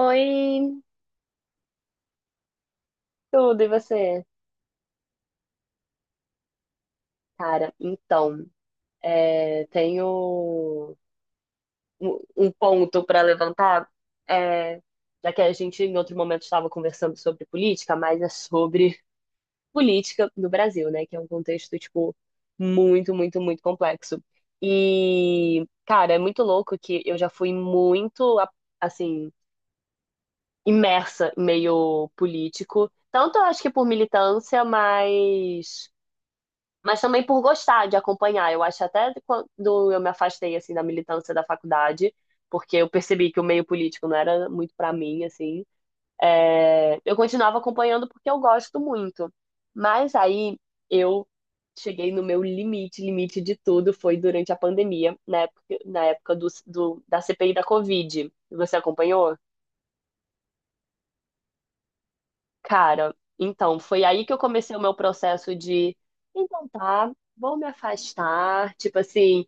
Oi, tudo, e você? Cara, então, tenho um ponto para levantar, é, já que a gente em outro momento estava conversando sobre política, mas é sobre política no Brasil, né? Que é um contexto, tipo, muito, muito, muito complexo. E, cara, é muito louco que eu já fui muito, assim, imersa em meio político, tanto eu acho que por militância, mas também por gostar de acompanhar. Eu acho até quando eu me afastei assim da militância da faculdade, porque eu percebi que o meio político não era muito para mim, assim. Eu continuava acompanhando porque eu gosto muito. Mas aí eu cheguei no meu limite, limite de tudo foi durante a pandemia, na época da CPI da Covid. Você acompanhou? Cara, então, foi aí que eu comecei o meu processo de, então tá, vou me afastar, tipo assim,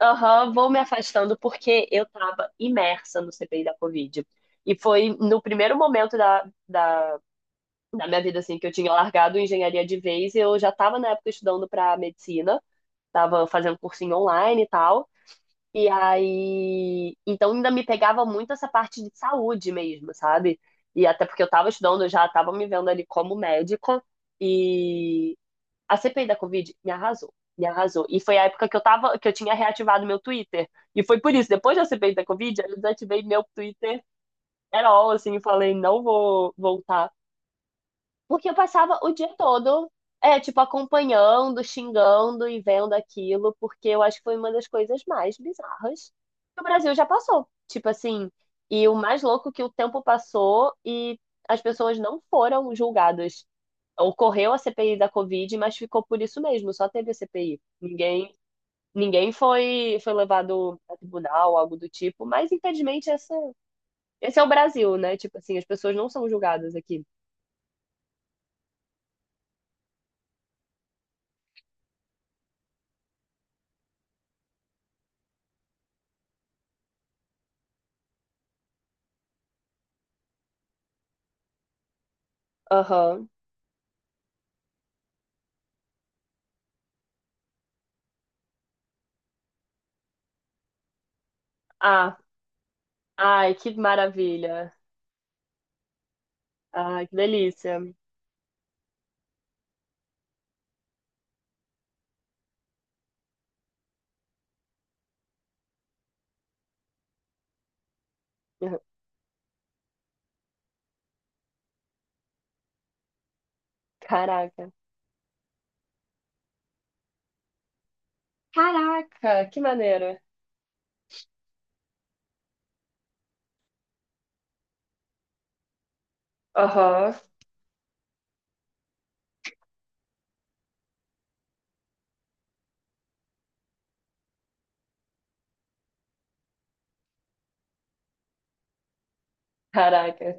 aham, vou me afastando porque eu estava imersa no CPI da Covid. E foi no primeiro momento da minha vida, assim, que eu tinha largado engenharia de vez. Eu já estava, na época, estudando para medicina, estava fazendo cursinho online e tal. E aí. Então, ainda me pegava muito essa parte de saúde mesmo, sabe? E até porque eu estava estudando, eu já estava me vendo ali como médica. A CPI da Covid me arrasou, me arrasou. E foi a época que eu tava, que eu tinha reativado meu Twitter. E foi por isso, depois da CPI da Covid, eu desativei meu Twitter era all, assim, e falei, não vou voltar. Porque eu passava o dia todo, tipo, acompanhando, xingando e vendo aquilo, porque eu acho que foi uma das coisas mais bizarras que o Brasil já passou. Tipo assim, e o mais louco que o tempo passou e as pessoas não foram julgadas. Ocorreu a CPI da Covid, mas ficou por isso mesmo, só teve a CPI. Ninguém foi levado a tribunal, algo do tipo, mas infelizmente esse é o Brasil, né? Tipo assim, as pessoas não são julgadas aqui. Aham. Ah, ai, que maravilha. Ai, que delícia. Aham. Caraca. Caraca, que maneiro. Aham. Caraca.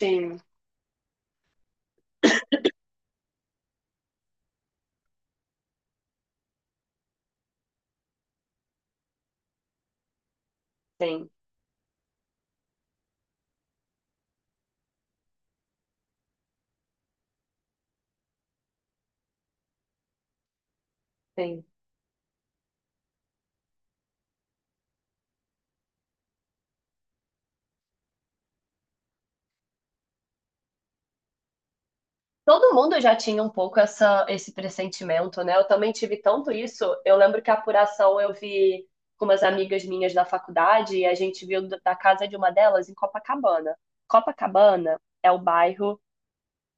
Sim, sim, sim. Todo mundo já tinha um pouco esse pressentimento, né? Eu também tive tanto isso. Eu lembro que a apuração eu vi com umas amigas minhas da faculdade e a gente viu da casa de uma delas em Copacabana. Copacabana é o bairro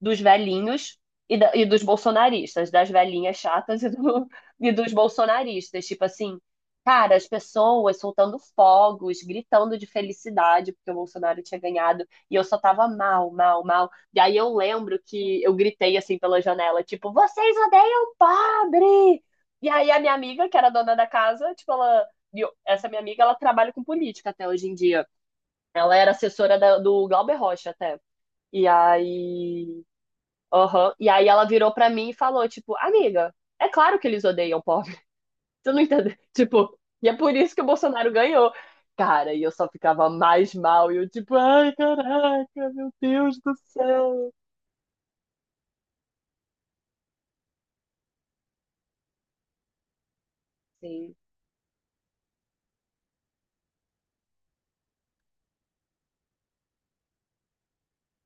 dos velhinhos e dos bolsonaristas, das velhinhas chatas e dos bolsonaristas. Tipo assim, cara, as pessoas soltando fogos, gritando de felicidade porque o Bolsonaro tinha ganhado e eu só tava mal, mal, mal. E aí eu lembro que eu gritei assim pela janela, tipo, vocês odeiam pobre! E aí a minha amiga, que era dona da casa, tipo, ela. Essa minha amiga, ela trabalha com política até hoje em dia. Ela era assessora do Glauber Rocha até. E aí Aham. E aí ela virou pra mim e falou, tipo, amiga, é claro que eles odeiam pobre. Tu não entendeu? Tipo, e é por isso que o Bolsonaro ganhou. Cara, e eu só ficava mais mal. E eu, tipo, ai, caraca, meu Deus do céu. Sim.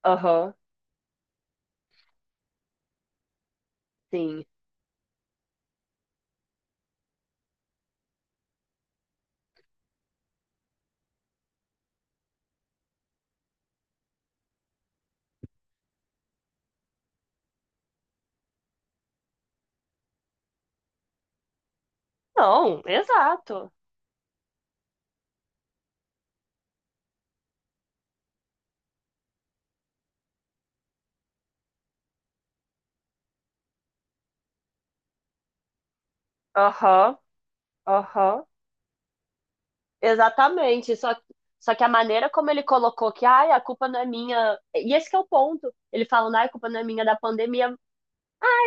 Aham, sim. Não, exato. Aham, aham. Exatamente. Só que a maneira como ele colocou que, ai, a culpa não é minha. E esse que é o ponto. Ele falando, ai, a culpa não é minha da pandemia.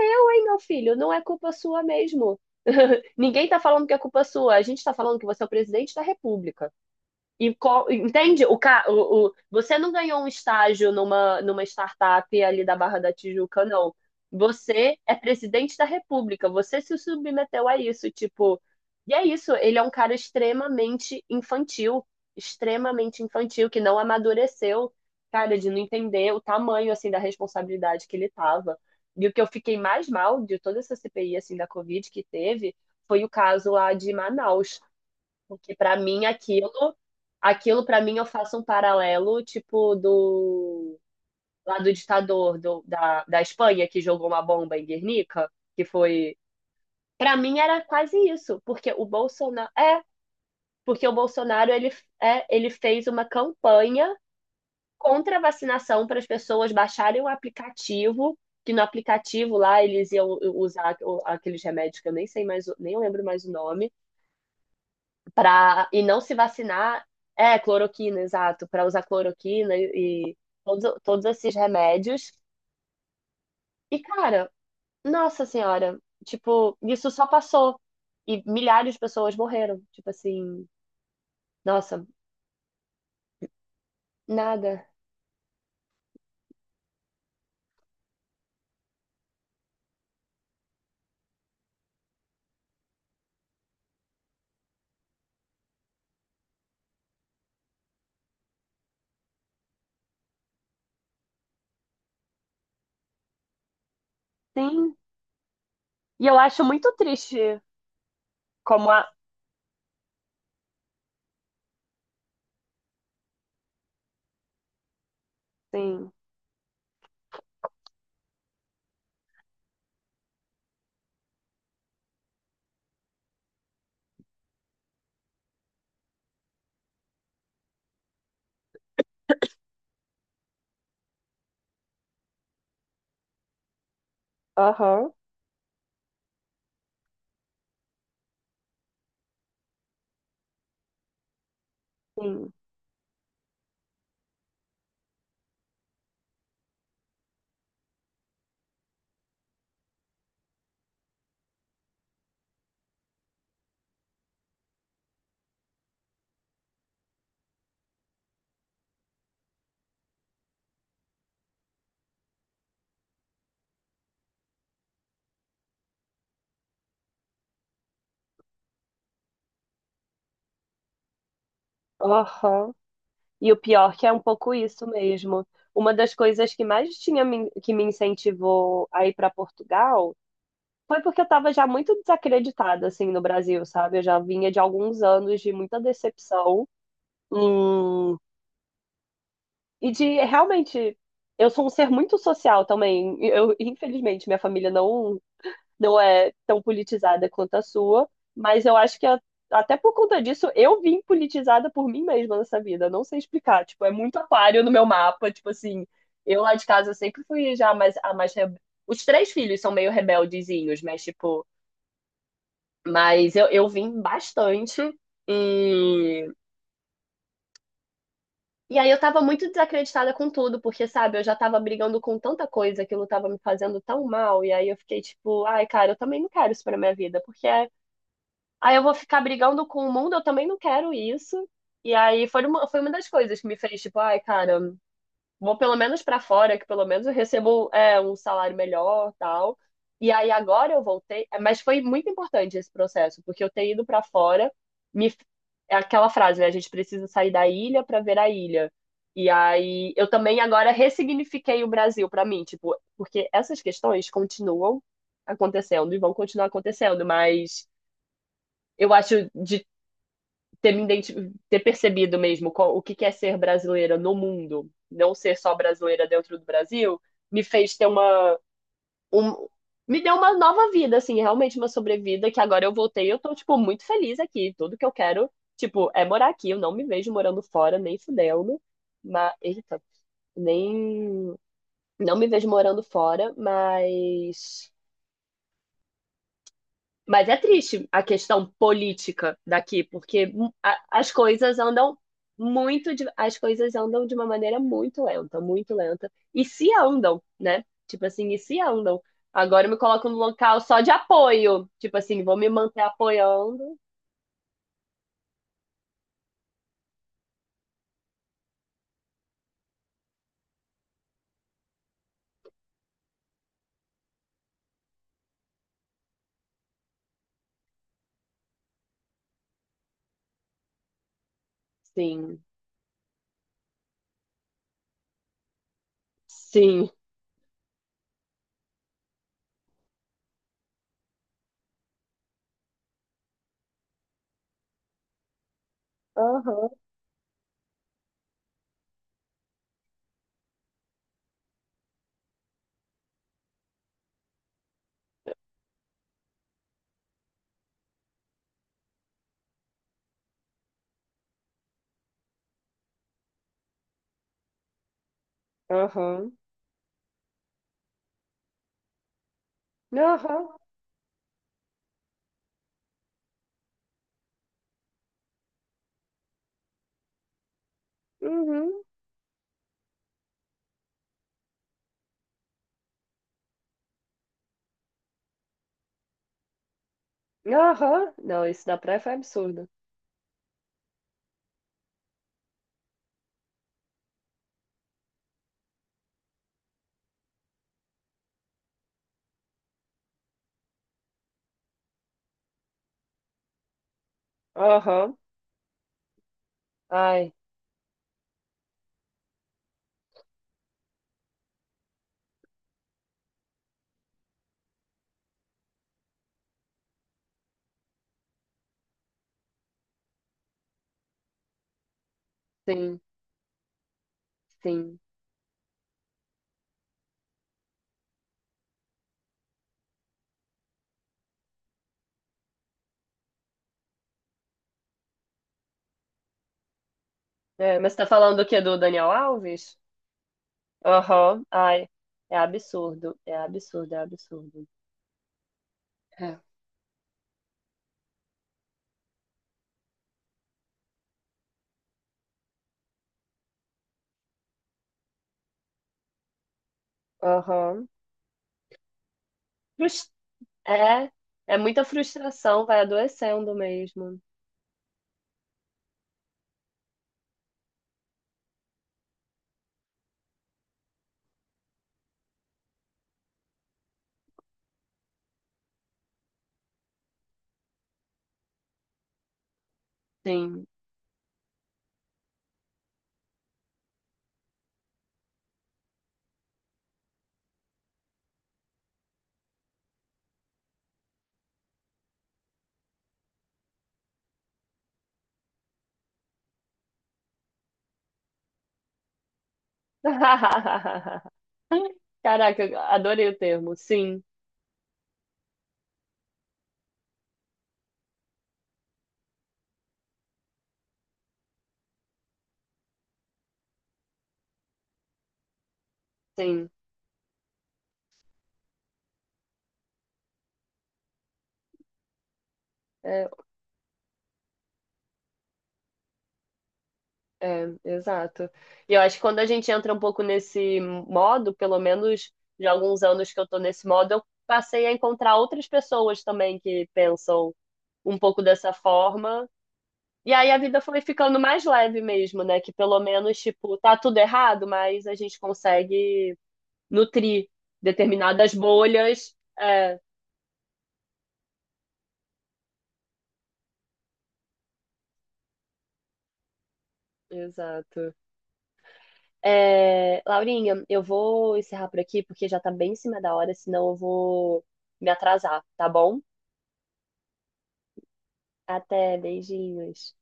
Seu, hein, meu filho? Não é culpa sua mesmo. Ninguém está falando que é culpa sua. A gente está falando que você é o presidente da República. E entende? O, ca- o- Você não ganhou um estágio numa startup ali da Barra da Tijuca, não. Você é presidente da República, você se submeteu a isso, tipo. E é isso, ele é um cara extremamente infantil, que não amadureceu, cara, de não entender o tamanho, assim, da responsabilidade que ele tava. E o que eu fiquei mais mal de toda essa CPI, assim, da Covid que teve, foi o caso lá de Manaus porque pra mim aquilo, aquilo pra mim eu faço um paralelo, tipo do lá do ditador da Espanha que jogou uma bomba em Guernica, que foi, Pra mim era quase isso, porque o Bolsonaro é, porque o Bolsonaro ele fez uma campanha contra a vacinação para as pessoas baixarem o aplicativo, que no aplicativo lá eles iam usar aqueles remédios que eu nem sei mais, nem lembro mais o nome para e não se vacinar, é cloroquina, exato, para usar cloroquina e todos esses remédios. E, cara, nossa senhora, tipo, isso só passou e milhares de pessoas morreram, tipo assim, nossa, nada. Sim. E eu acho muito triste como a, sim, aham, sim, aham. E o pior que é um pouco isso mesmo. Uma das coisas que mais tinha me, que me incentivou a ir para Portugal foi porque eu tava já muito desacreditada, assim, no Brasil, sabe? Eu já vinha de alguns anos de muita decepção. hum, e de realmente, eu sou um ser muito social também. Eu, infelizmente, minha família não, não é tão politizada quanto a sua, mas eu acho que até por conta disso, eu vim politizada por mim mesma nessa vida. Não sei explicar. Tipo, é muito aquário no meu mapa. Tipo assim, eu lá de casa sempre fui já mais, a mais. Os três filhos são meio rebeldezinhos, mas, tipo. Mas eu, vim bastante. E, e aí eu tava muito desacreditada com tudo, porque, sabe, eu já tava brigando com tanta coisa, aquilo tava me fazendo tão mal. E aí eu fiquei tipo, ai, cara, eu também não quero isso pra minha vida, porque aí eu vou ficar brigando com o mundo, eu também não quero isso. E aí foi uma, das coisas que me fez, tipo, ai, cara, vou pelo menos para fora, que pelo menos eu recebo um salário melhor, tal. E aí agora eu voltei, é, mas foi muito importante esse processo, porque eu ter ido para fora, me é aquela frase, né? A gente precisa sair da ilha para ver a ilha. E aí eu também agora ressignifiquei o Brasil para mim, tipo, porque essas questões continuam acontecendo e vão continuar acontecendo, mas eu acho de ter me identi- ter percebido mesmo o que que é ser brasileira no mundo, não ser só brasileira dentro do Brasil, me fez ter uma, um- me deu uma nova vida, assim, realmente uma sobrevida que agora eu voltei, e eu tô tipo muito feliz aqui, tudo que eu quero, tipo, é morar aqui, eu não me vejo morando fora nem fudendo, mas eita, nem não me vejo morando fora, mas é triste a questão política daqui, porque as coisas andam muito, as coisas andam de uma maneira muito lenta, muito lenta. E se andam, né? Tipo assim, e se andam. Agora eu me coloco no local só de apoio. Tipo assim, vou me manter apoiando. Sim, sim. Aham, aham, aham, uhum, aham. Não, isso da praia foi absurdo. Aham, ai, sim, sim. É, mas você tá falando do quê? Do Daniel Alves? Aham. Ai, é absurdo. É absurdo, é absurdo. É. Aham. Frus- É, é muita frustração, vai adoecendo mesmo. Sim. Caraca, eu adorei o termo. Sim, sim. É, é, exato. E eu acho que quando a gente entra um pouco nesse modo, pelo menos de alguns anos que eu tô nesse modo, eu passei a encontrar outras pessoas também que pensam um pouco dessa forma. E aí a vida foi ficando mais leve mesmo, né? Que pelo menos, tipo, tá tudo errado, mas a gente consegue nutrir determinadas bolhas. É, exato. É, Laurinha, eu vou encerrar por aqui porque já tá bem em cima da hora, senão eu vou me atrasar, tá bom? Até, beijinhos.